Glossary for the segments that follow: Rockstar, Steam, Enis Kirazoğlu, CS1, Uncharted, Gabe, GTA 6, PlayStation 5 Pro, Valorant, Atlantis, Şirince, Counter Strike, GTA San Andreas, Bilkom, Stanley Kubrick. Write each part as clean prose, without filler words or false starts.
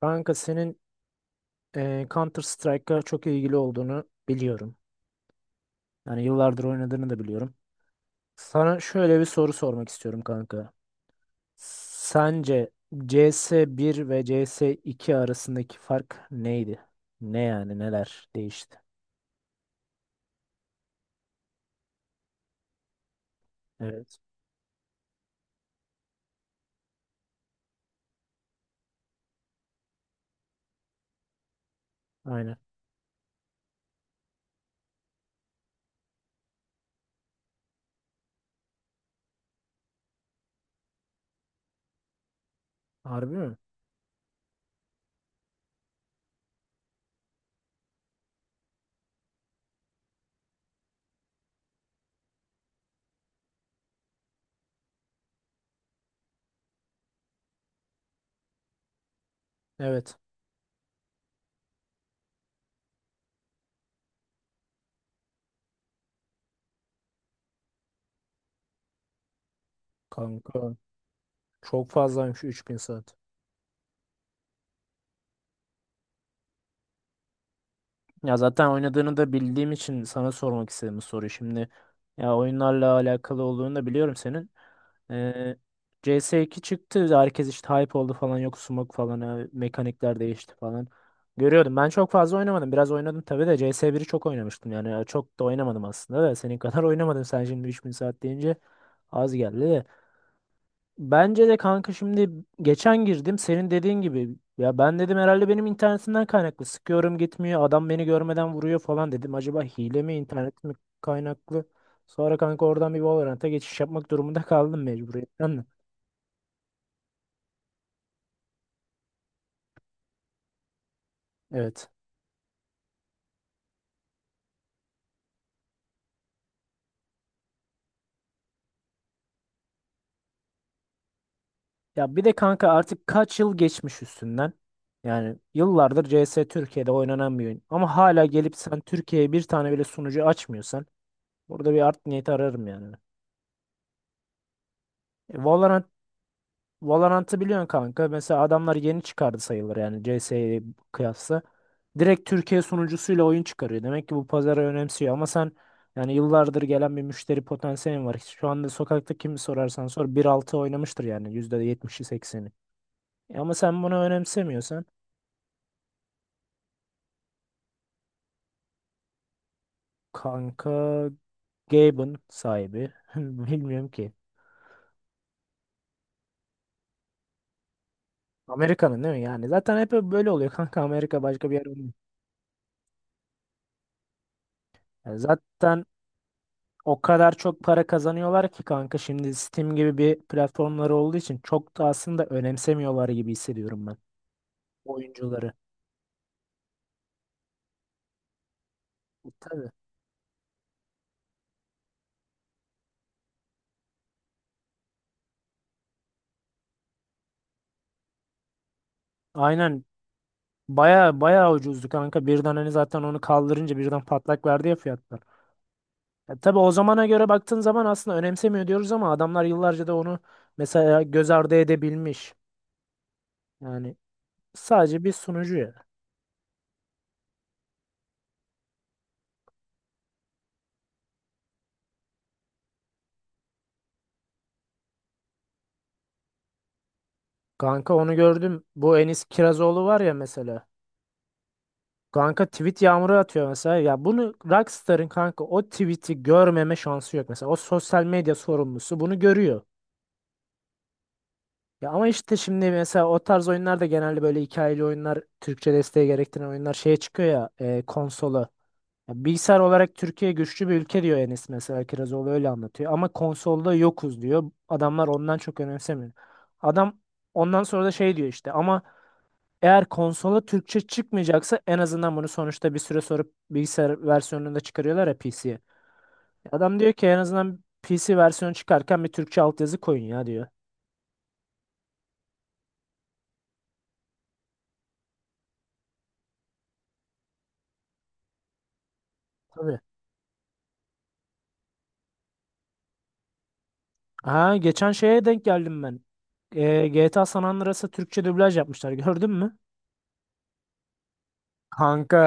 Kanka senin Counter Strike'a çok ilgili olduğunu biliyorum. Yani yıllardır oynadığını da biliyorum. Sana şöyle bir soru sormak istiyorum kanka. Sence CS1 ve CS2 arasındaki fark neydi? Ne yani neler değişti? Evet. Aynen. Harbi mi? Evet. Kanka çok fazlaymış 3.000 saat. Ya zaten oynadığını da bildiğim için sana sormak istedim bu soruyu. Şimdi ya oyunlarla alakalı olduğunu da biliyorum senin. Ee, CS2 çıktı. Herkes işte hype oldu falan. Yok smoke falan. Ha, Mekanikler değişti falan. Görüyordum. Ben çok fazla oynamadım. Biraz oynadım tabii de CS1'i çok oynamıştım. Yani çok da oynamadım aslında da. Senin kadar oynamadım. Sen şimdi 3.000 saat deyince az geldi de. Bence de kanka şimdi geçen girdim senin dediğin gibi, ya ben dedim herhalde benim internetimden kaynaklı, sıkıyorum gitmiyor, adam beni görmeden vuruyor falan dedim, acaba hile mi internet mi kaynaklı. Sonra kanka oradan bir Valorant'a geçiş yapmak durumunda kaldım mecburiyetten de. Evet, ya bir de kanka artık kaç yıl geçmiş üstünden. Yani yıllardır CS Türkiye'de oynanan bir oyun ama hala gelip sen Türkiye'ye bir tane bile sunucu açmıyorsan burada bir art niyeti ararım yani. E, Valorant Valorant'ı biliyorsun kanka. Mesela adamlar yeni çıkardı sayılır yani CS'ye kıyasla. Direkt Türkiye sunucusuyla oyun çıkarıyor. Demek ki bu pazarı önemsiyor ama sen yani yıllardır gelen bir müşteri potansiyelin var. Şu anda sokakta kimi sorarsan sor 1.6 oynamıştır yani %70'i 80'i. Ama sen bunu önemsemiyorsan kanka, Gabe'ın sahibi bilmiyorum ki. Amerika'nın değil mi yani? Zaten hep böyle oluyor kanka, Amerika başka bir yer olmuyor. Yani zaten o kadar çok para kazanıyorlar ki kanka, şimdi Steam gibi bir platformları olduğu için çok da aslında önemsemiyorlar gibi hissediyorum ben oyuncuları. Tabii. Aynen, baya baya ucuzdu kanka, birden hani zaten onu kaldırınca birden patlak verdi ya fiyatlar. Ya tabii o zamana göre baktığın zaman aslında önemsemiyor diyoruz ama adamlar yıllarca da onu mesela göz ardı edebilmiş. Yani sadece bir sunucu ya. Kanka onu gördüm. Bu Enis Kirazoğlu var ya mesela. Kanka tweet yağmuru atıyor mesela. Ya bunu Rockstar'ın kanka, o tweet'i görmeme şansı yok. Mesela o sosyal medya sorumlusu bunu görüyor. Ya ama işte şimdi mesela o tarz oyunlar da, genelde böyle hikayeli oyunlar, Türkçe desteği gerektiren oyunlar şeye çıkıyor ya, konsola. Ya bilgisayar olarak Türkiye güçlü bir ülke diyor Enes mesela, Kirazoğlu öyle anlatıyor. Ama konsolda yokuz diyor. Adamlar ondan çok önemsemiyor. Adam ondan sonra da şey diyor işte, ama eğer konsola Türkçe çıkmayacaksa en azından bunu sonuçta bir süre sonra bilgisayar versiyonunda çıkarıyorlar ya PC'ye. Adam diyor ki, en azından PC versiyonu çıkarken bir Türkçe altyazı koyun ya diyor. Tabii. Ha, geçen şeye denk geldim ben. GTA San Andreas'a Türkçe dublaj yapmışlar, gördün mü? Kanka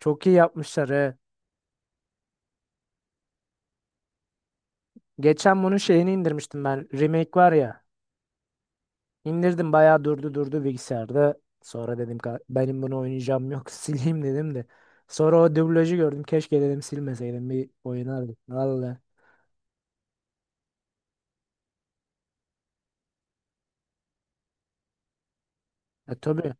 çok iyi yapmışlar he. Geçen bunun şeyini indirmiştim ben. Remake var ya. İndirdim, bayağı durdu durdu bilgisayarda. Sonra dedim, benim bunu oynayacağım yok, sileyim" dedim de. Sonra o dublajı gördüm, keşke dedim silmeseydim, bir oynardık. Valla. E tabii.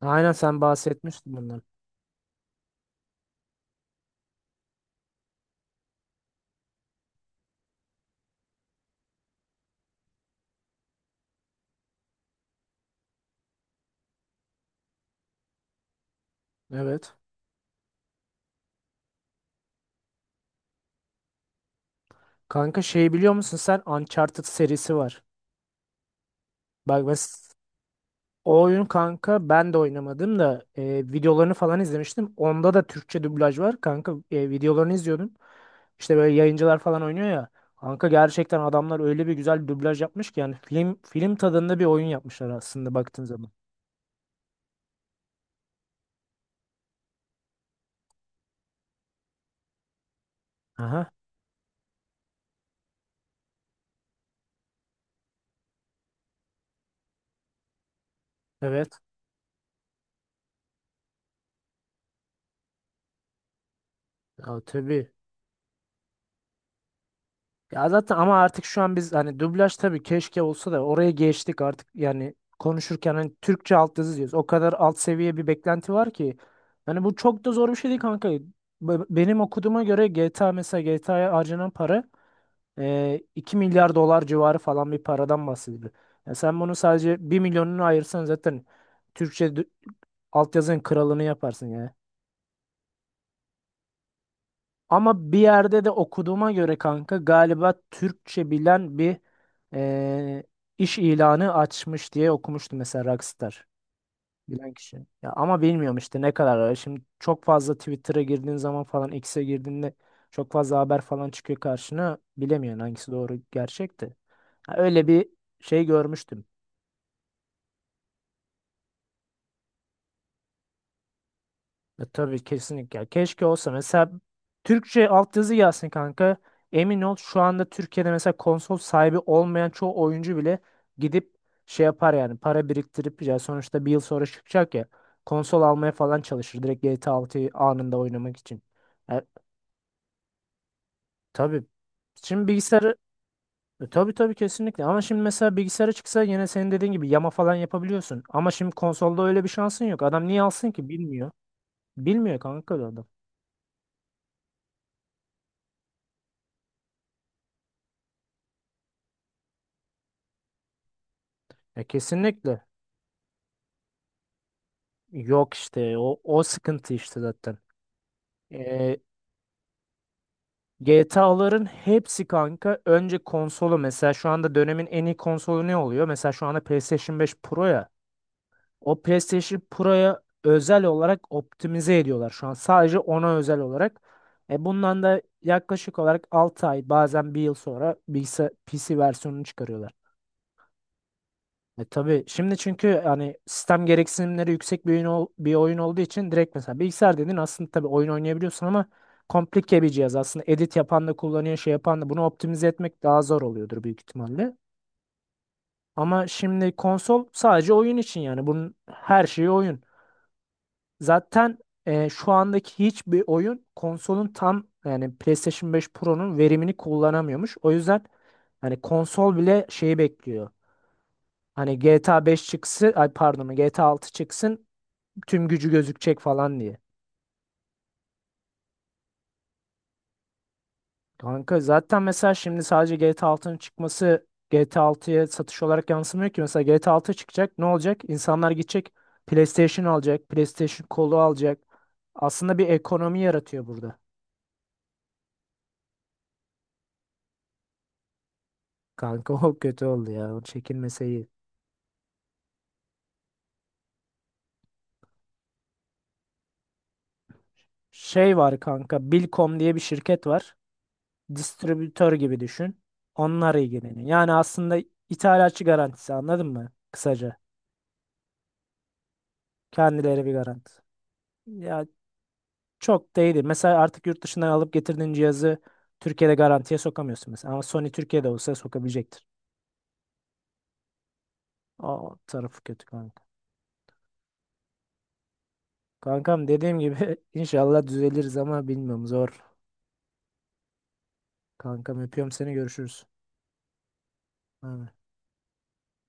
Aynen, sen bahsetmiştin bundan. Evet. Kanka şey biliyor musun, sen Uncharted serisi var. Bak mes, o oyun kanka, ben de oynamadım da videolarını falan izlemiştim. Onda da Türkçe dublaj var kanka, videolarını izliyordum. İşte böyle yayıncılar falan oynuyor ya. Kanka gerçekten adamlar öyle bir güzel dublaj yapmış ki, yani film film tadında bir oyun yapmışlar aslında baktığın zaman. Aha, evet. Ya tabii. Ya zaten ama artık şu an biz hani dublaj, tabii keşke olsa da, oraya geçtik artık yani, konuşurken hani Türkçe altyazı diyoruz. O kadar alt seviye bir beklenti var ki. Yani bu çok da zor bir şey değil kanka. Benim okuduğuma göre GTA, mesela GTA'ya harcanan para 2 milyar dolar civarı falan bir paradan bahsediyor. Yani sen bunu sadece bir milyonunu ayırsan zaten Türkçe altyazının kralını yaparsın ya. Ama bir yerde de okuduğuma göre kanka, galiba Türkçe bilen bir e, iş ilanı açmış diye okumuştum mesela Rockstar. Bilen kişi. Ya ama bilmiyorum işte ne kadar ara. Şimdi çok fazla Twitter'a girdiğin zaman falan, X'e girdiğinde çok fazla haber falan çıkıyor karşına. Bilemiyorsun hangisi doğru, gerçekti. Öyle bir şey görmüştüm. E, tabii kesinlikle. Ya keşke olsa mesela, Türkçe altyazı gelsin kanka. Emin ol şu anda Türkiye'de mesela konsol sahibi olmayan çoğu oyuncu bile gidip şey yapar yani, para biriktirip, ya sonuçta bir yıl sonra çıkacak ya, konsol almaya falan çalışır direkt GTA 6'yı anında oynamak için. Tabii. Şimdi bilgisayarı tabii tabii kesinlikle, ama şimdi mesela bilgisayara çıksa yine senin dediğin gibi yama falan yapabiliyorsun. Ama şimdi konsolda öyle bir şansın yok. Adam niye alsın ki, bilmiyor. Bilmiyor kanka adam. E, kesinlikle. Yok işte o sıkıntı işte zaten. E, GTA'ların hepsi kanka önce konsolu, mesela şu anda dönemin en iyi konsolu ne oluyor? Mesela şu anda PlayStation 5 Pro ya. O PlayStation Pro'ya özel olarak optimize ediyorlar şu an. Sadece ona özel olarak. E bundan da yaklaşık olarak 6 ay, bazen bir yıl sonra bilgisayar PC versiyonunu çıkarıyorlar. E tabii şimdi, çünkü hani sistem gereksinimleri yüksek bir oyun, bir oyun olduğu için, direkt mesela bilgisayar dedin, aslında tabii oyun oynayabiliyorsun ama komplike bir cihaz aslında, edit yapan da kullanıyor, şey yapan da. Bunu optimize etmek daha zor oluyordur büyük ihtimalle. Ama şimdi konsol sadece oyun için, yani bunun her şeyi oyun. Zaten şu andaki hiçbir oyun konsolun tam yani PlayStation 5 Pro'nun verimini kullanamıyormuş. O yüzden hani konsol bile şeyi bekliyor. Hani GTA 5 çıksın, ay pardon, GTA 6 çıksın, tüm gücü gözükecek falan diye. Kanka zaten mesela şimdi sadece GTA 6'nın çıkması GTA 6'ya satış olarak yansımıyor ki. Mesela GTA 6 çıkacak, ne olacak? İnsanlar gidecek PlayStation alacak, PlayStation kolu alacak. Aslında bir ekonomi yaratıyor burada. Kanka o kötü oldu ya. O çekilmese iyi. Şey var kanka. Bilkom diye bir şirket var. Distribütör gibi düşün. Onlar ilgileniyor. Yani aslında ithalatçı garantisi, anladın mı, kısaca. Kendileri bir garanti. Ya çok değil. Mesela artık yurt dışından alıp getirdiğin cihazı Türkiye'de garantiye sokamıyorsun mesela. Ama Sony Türkiye'de olsa sokabilecektir. Aa, o tarafı kötü kanka. Kankam dediğim gibi inşallah düzeliriz ama bilmiyorum, zor. Kankam öpüyorum seni, görüşürüz. Bay bay.